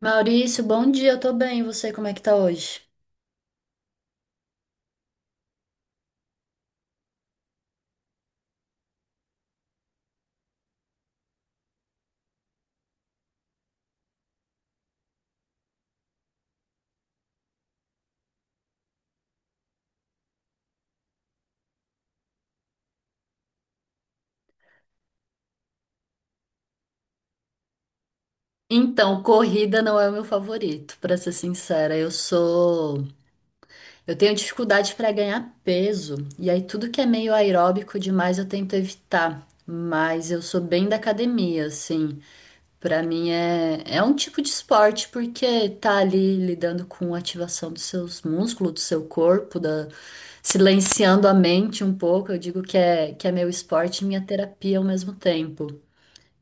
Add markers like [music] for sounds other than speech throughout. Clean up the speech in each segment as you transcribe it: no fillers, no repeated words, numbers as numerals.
Maurício, bom dia, eu tô bem, e você, como é que tá hoje? Então, corrida não é o meu favorito, pra ser sincera. Eu tenho dificuldade pra ganhar peso, e aí tudo que é meio aeróbico demais eu tento evitar, mas eu sou bem da academia, assim. Pra mim é um tipo de esporte porque tá ali lidando com a ativação dos seus músculos, do seu corpo, da silenciando a mente um pouco. Eu digo que é meu esporte e minha terapia ao mesmo tempo.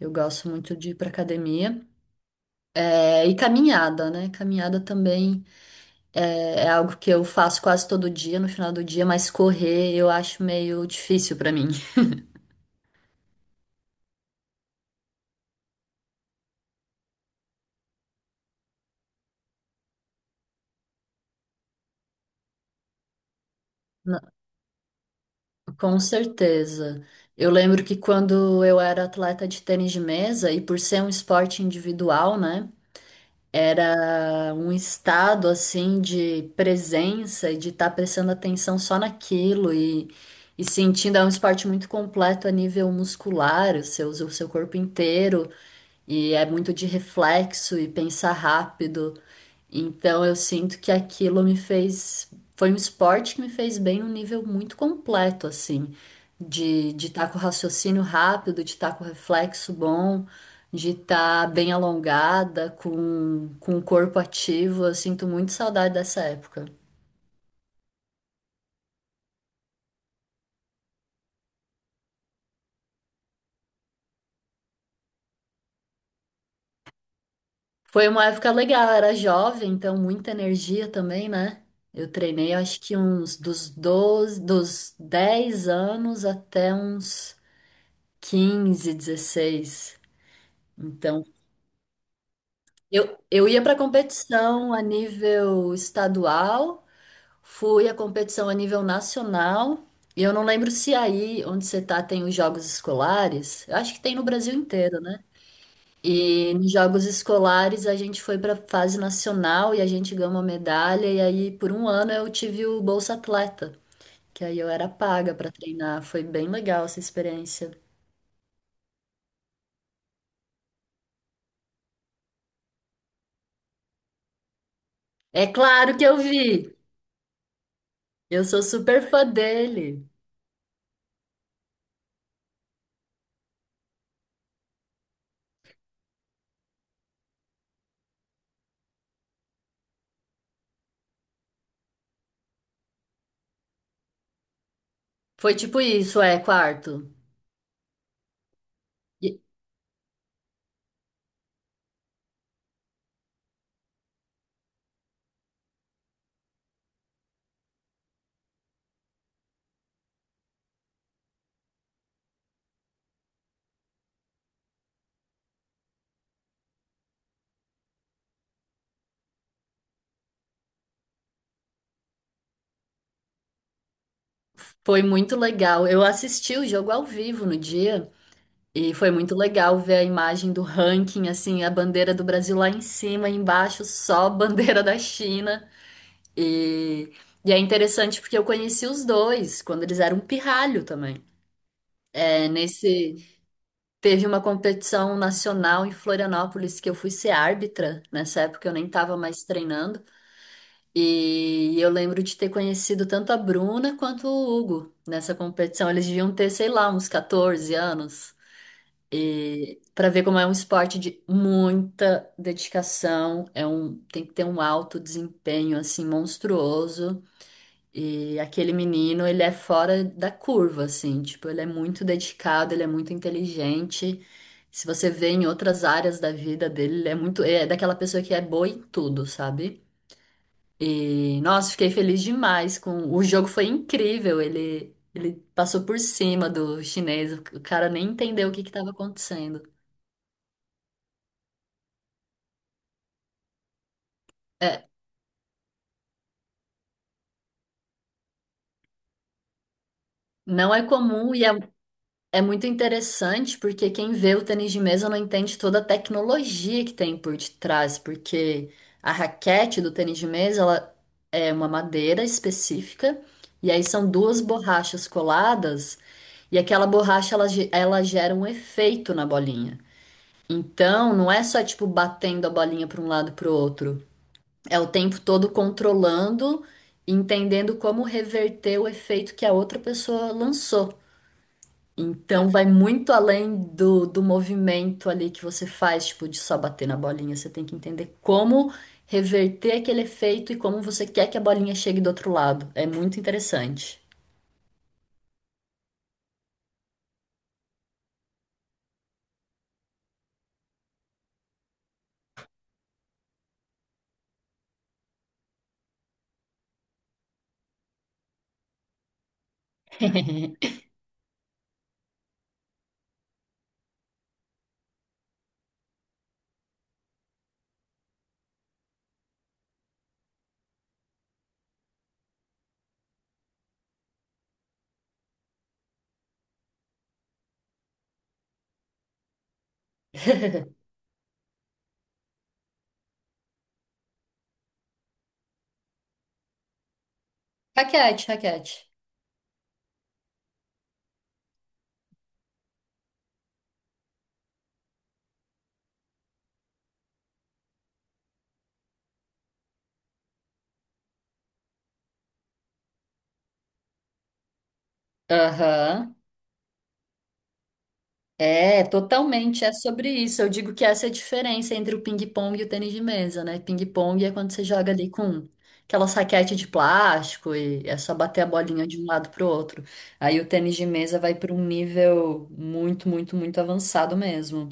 Eu gosto muito de ir para academia. É, e caminhada, né? Caminhada também é algo que eu faço quase todo dia, no final do dia, mas correr eu acho meio difícil para mim. [laughs] Na- Com certeza. Eu lembro que quando eu era atleta de tênis de mesa, e por ser um esporte individual, né? Era um estado assim de presença e de estar prestando atenção só naquilo e sentindo, é um esporte muito completo a nível muscular, você usa o seu corpo inteiro e é muito de reflexo e pensar rápido. Então eu sinto que aquilo me fez, foi um esporte que me fez bem num nível muito completo, assim, de estar com raciocínio rápido, de estar com reflexo bom, de estar bem alongada, com o corpo ativo. Eu sinto muito saudade dessa época. Foi uma época legal, eu era jovem, então muita energia também, né? Eu treinei acho que uns dos 10 anos até uns 15, 16. Então, eu ia para competição a nível estadual, fui à competição a nível nacional, e eu não lembro se aí onde você tá tem os jogos escolares. Eu acho que tem no Brasil inteiro, né? E nos jogos escolares a gente foi para fase nacional e a gente ganhou uma medalha. E aí por um ano eu tive o Bolsa Atleta, que aí eu era paga para treinar. Foi bem legal essa experiência. É claro que eu vi. Eu sou super fã dele. Foi tipo isso, é, quarto. E foi muito legal. Eu assisti o jogo ao vivo no dia e foi muito legal ver a imagem do ranking, assim, a bandeira do Brasil lá em cima, e embaixo só a [laughs] bandeira da China. E, e é interessante porque eu conheci os dois quando eles eram um pirralho também. É, nesse teve uma competição nacional em Florianópolis que eu fui ser árbitra. Nessa época eu nem estava mais treinando. E eu lembro de ter conhecido tanto a Bruna quanto o Hugo nessa competição. Eles deviam ter, sei lá, uns 14 anos. E para ver como é um esporte de muita dedicação, é um, tem que ter um alto desempenho assim monstruoso. E aquele menino, ele é fora da curva, assim, tipo, ele é muito dedicado, ele é muito inteligente. Se você vê em outras áreas da vida dele, ele é muito, é daquela pessoa que é boa em tudo, sabe? E, nossa, fiquei feliz demais com, o jogo foi incrível, ele passou por cima do chinês, o cara nem entendeu o que que estava acontecendo. É, não é comum É muito interessante porque quem vê o tênis de mesa não entende toda a tecnologia que tem por detrás, porque a raquete do tênis de mesa, ela é uma madeira específica e aí são duas borrachas coladas e aquela borracha ela, ela gera um efeito na bolinha. Então, não é só tipo batendo a bolinha para um lado para o outro, é o tempo todo controlando, entendendo como reverter o efeito que a outra pessoa lançou. Então vai muito além do movimento ali que você faz, tipo, de só bater na bolinha. Você tem que entender como reverter aquele efeito e como você quer que a bolinha chegue do outro lado. É muito interessante. Raquete, raquete. Aham. É, totalmente, é sobre isso. Eu digo que essa é a diferença entre o ping-pong e o tênis de mesa, né? Ping-pong é quando você joga ali com aquela raquete de plástico e é só bater a bolinha de um lado pro outro. Aí o tênis de mesa vai para um nível muito, muito, muito avançado mesmo.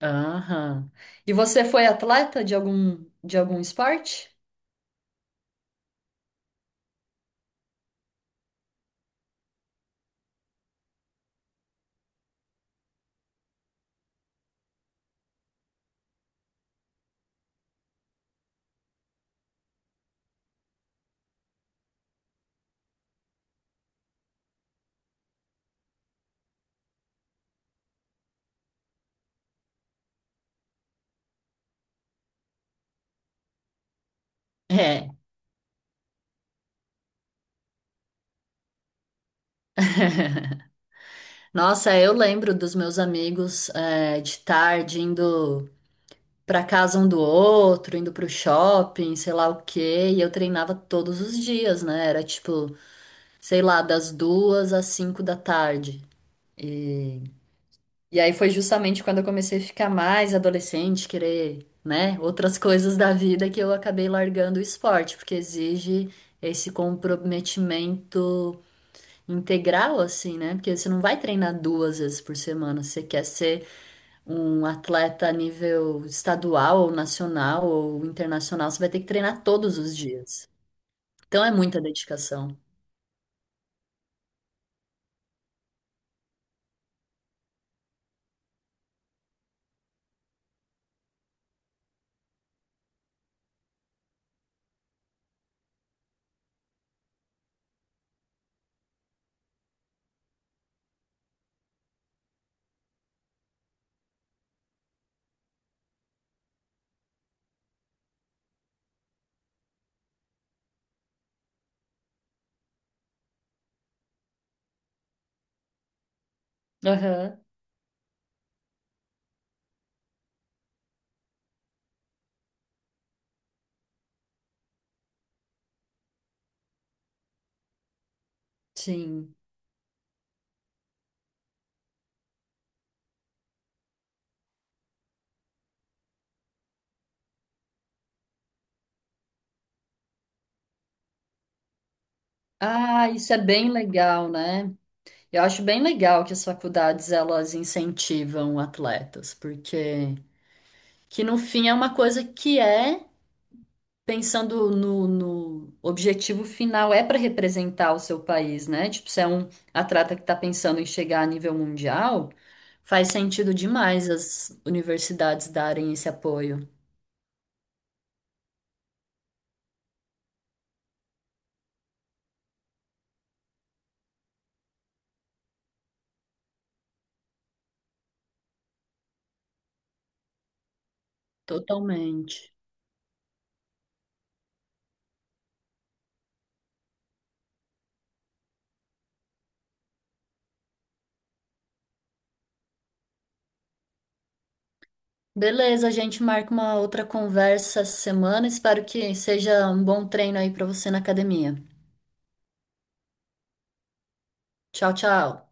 Aham. E você foi atleta de algum esporte? É. Nossa, eu lembro dos meus amigos, é, de tarde indo pra casa um do outro, indo pro shopping, sei lá o quê, e eu treinava todos os dias, né? Era tipo, sei lá, das 2h às 5h da tarde. E aí foi justamente quando eu comecei a ficar mais adolescente, querer, né, outras coisas da vida que eu acabei largando o esporte, porque exige esse comprometimento integral, assim, né? Porque você não vai treinar 2 vezes por semana, você quer ser um atleta a nível estadual ou nacional ou internacional, você vai ter que treinar todos os dias. Então é muita dedicação. Aham, sim. Ah, isso é bem legal, né? Eu acho bem legal que as faculdades elas incentivam atletas, porque que no fim é uma coisa que é pensando no objetivo final, é para representar o seu país, né? Tipo, se é um atleta que está pensando em chegar a nível mundial, faz sentido demais as universidades darem esse apoio. Totalmente. Beleza, a gente marca uma outra conversa essa semana. Espero que seja um bom treino aí para você na academia. Tchau, tchau.